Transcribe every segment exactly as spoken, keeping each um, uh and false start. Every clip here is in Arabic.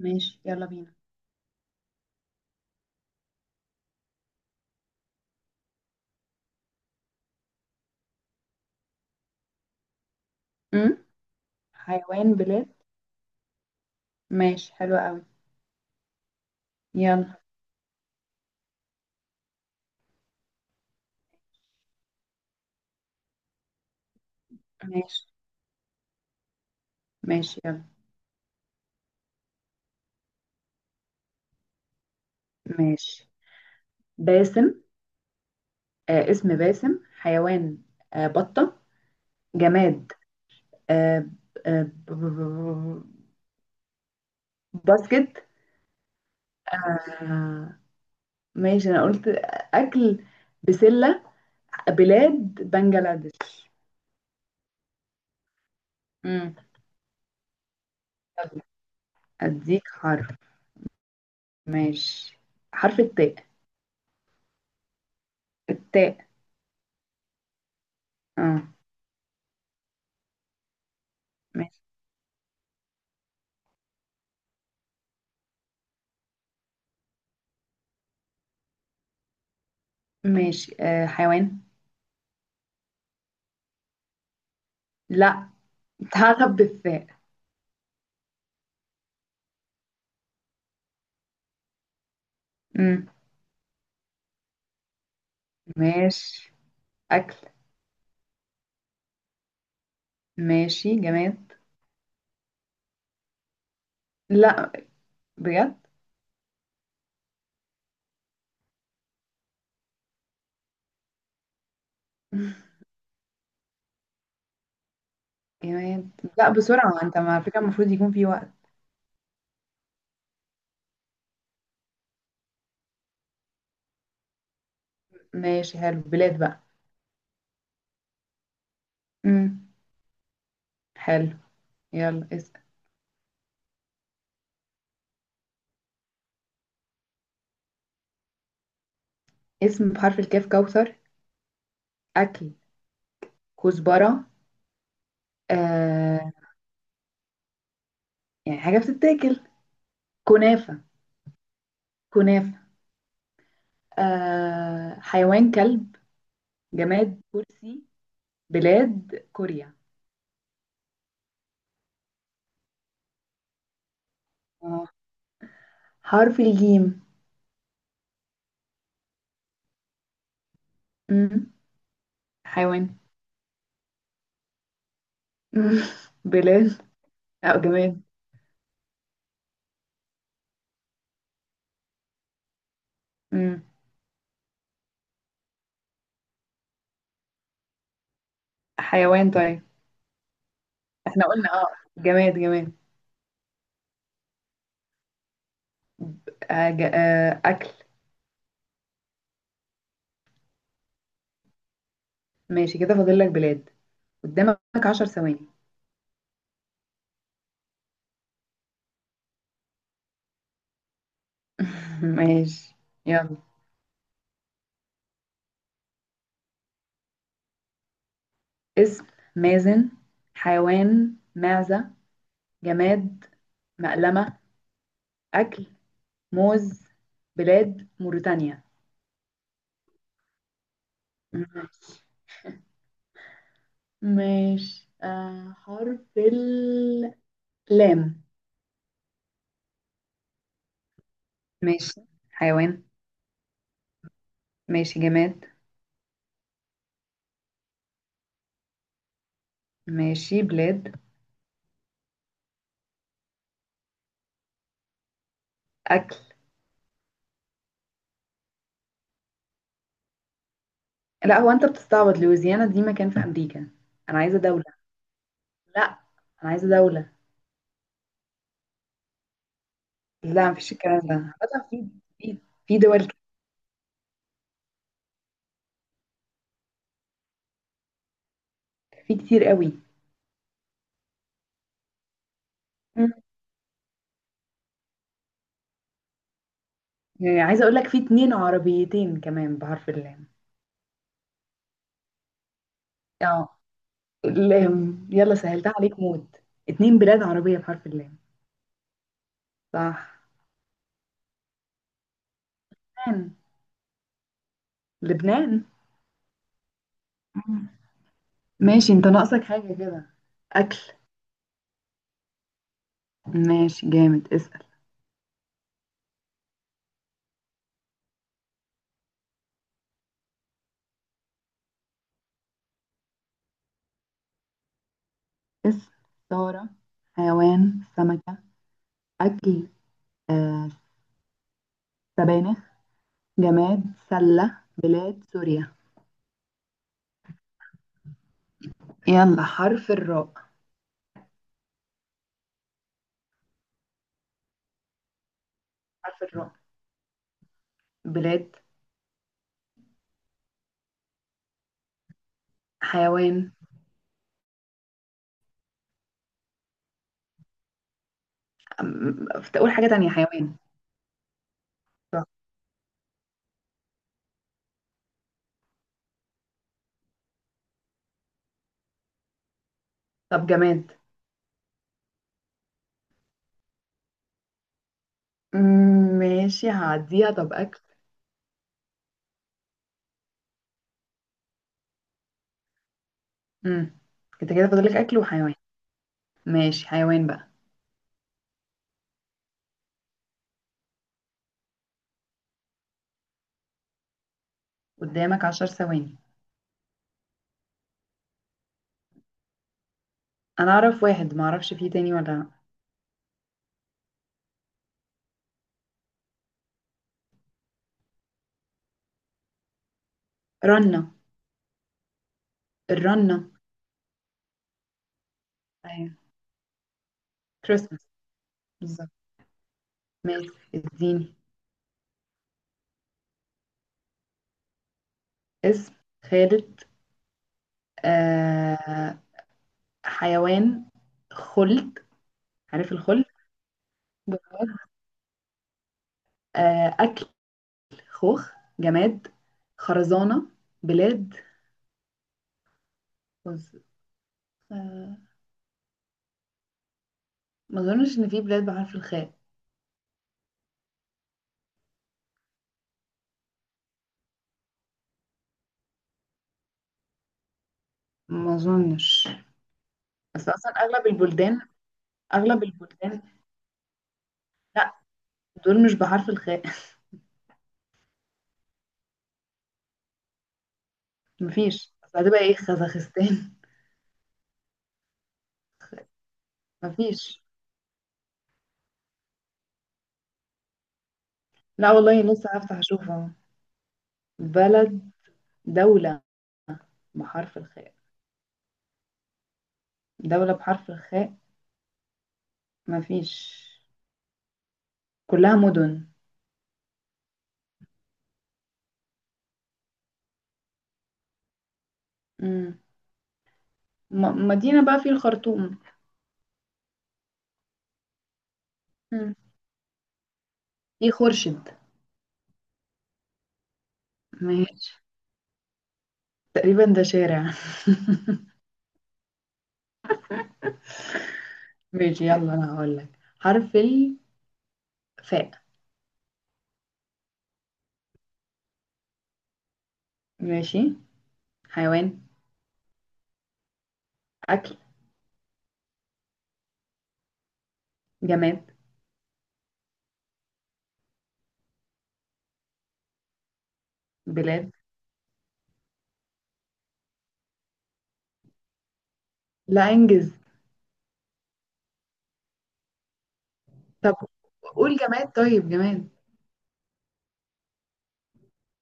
ماشي، يلا بينا. أم؟ حيوان بلاد. ماشي، حلو قوي. يلا. ماشي. ماشي يلا. ماشي. باسم. آه، اسم باسم. حيوان. آه، بطة. جماد. آه. آه ب- ب- ب- باسكت. آه. ماشي، أنا قلت. أكل. بسلة. بلاد. بنجلاديش. أم. يلا، أديك حرف. ماشي. حرف التاء. التاء. اه. ماشي. ماشي. آه، حيوان. لا، هعرف بالثاء. امم. ماشي. أكل. ماشي. جماد. لا، بجد. جماد. لا، بسرعة، انت ما- على فكرة المفروض يكون في وقت. ماشي، حلو. بلاد بقى. امم. حلو. يلا، اسم. اسم بحرف الكاف كوثر. أكل. كزبرة. آه. يعني حاجة بتتاكل. كنافة. كنافة. آه، حيوان كلب. جماد كرسي. بلاد كوريا. آه. حرف الجيم. مم. حيوان. مم. بلاد. اه، جماد. امم. حيوان، طيب. احنا قلنا اه. جماد جماد. آه ج... آه، اكل. ماشي كده، فاضل لك بلاد. قدامك عشر ثواني. ماشي. يلا، اسم مازن. حيوان معزة. جماد مقلمة. اكل موز. بلاد موريتانيا. مم. ماشي، آه، حرف اللام. ماشي. حيوان. ماشي، جماد. ماشي، بلاد. اكل. لا، هو انت بتستعبط؟ لويزيانا دي مكان في امريكا. انا عايزه دوله. لا، انا عايزه دوله. لا، مفيش الكلام ده. عامة في في في دول كده، في كتير قوي. مم. يعني عايزه اقول لك في اتنين عربيتين كمان بحرف اللام. اه، اللام، يلا سهلتها عليك موت. اتنين بلاد عربيه بحرف اللام. صح. لبنان. لبنان. مم. ماشي، انت ناقصك حاجه كده. اكل. ماشي، جامد، اسال. اسم سارة. حيوان سمكه. اكل. آه، سبانخ. جماد سلة بلاد سوريا. يلا، حرف الراء. حرف الراء. بلاد. حيوان. أم- تقول حاجة تانية. حيوان. راء. طب جماد. مم. ماشي، هعديها. طب أكل. مم. انت كده فاضلك أكل وحيوان. ماشي، حيوان بقى. قدامك عشر ثواني. أنا أعرف واحد، معرفش فيه تاني ولا لأ. رنة. الرنة. أيوة. كريسماس. بالظبط. ماشي، اديني. اسم خالد. آه. حيوان خلد. عارف الخلد. جماد. آه، أكل خوخ. جماد خرزانة. بلاد خز... آه، ما أظنش إن في بلاد بحرف الخاء. ما أظنش. بس أصلا أغلب البلدان. أغلب البلدان. لا، دول مش بحرف الخاء. مفيش، بس هتبقى إيه، خزخستان؟ مفيش. لا والله، لسه هفتح أشوف أهو. بلد. دولة بحرف الخاء. دولة بحرف الخاء. مفيش، كلها مدن. مم. م- مدينة بقى في الخرطوم. مم. في خورشيد. ماشي، تقريبا ده شارع. ماشي، يلا، انا هقول لك حرف الفاء. ماشي. حيوان. اكل. جماد. بلاد. لا، انجز. طب قول جماد. طيب، جماد.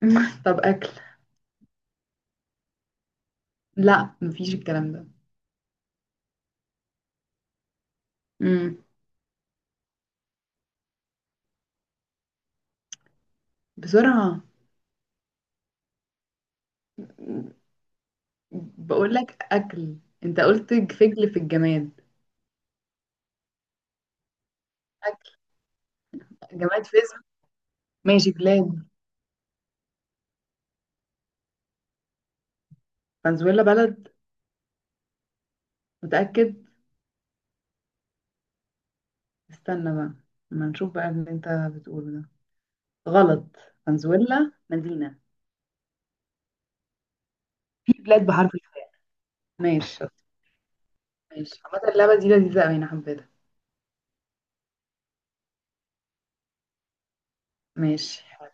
طب اكل. لا، مفيش الكلام ده. امم. بسرعة. بقول لك اكل. انت قلت فجل في الجماد. اكل. جماد فيزم. ماشي، بلاد. فنزويلا. بلد؟ متأكد؟ استنى بقى، ما نشوف بقى اللي انت بتقوله ده غلط. فنزويلا مدينة. في بلاد بحرف الخاء. ماشي، بالظبط. ماشي، عامة اللعبة دي لذيذة أوي، أنا حبيتها. ماشي، حلو.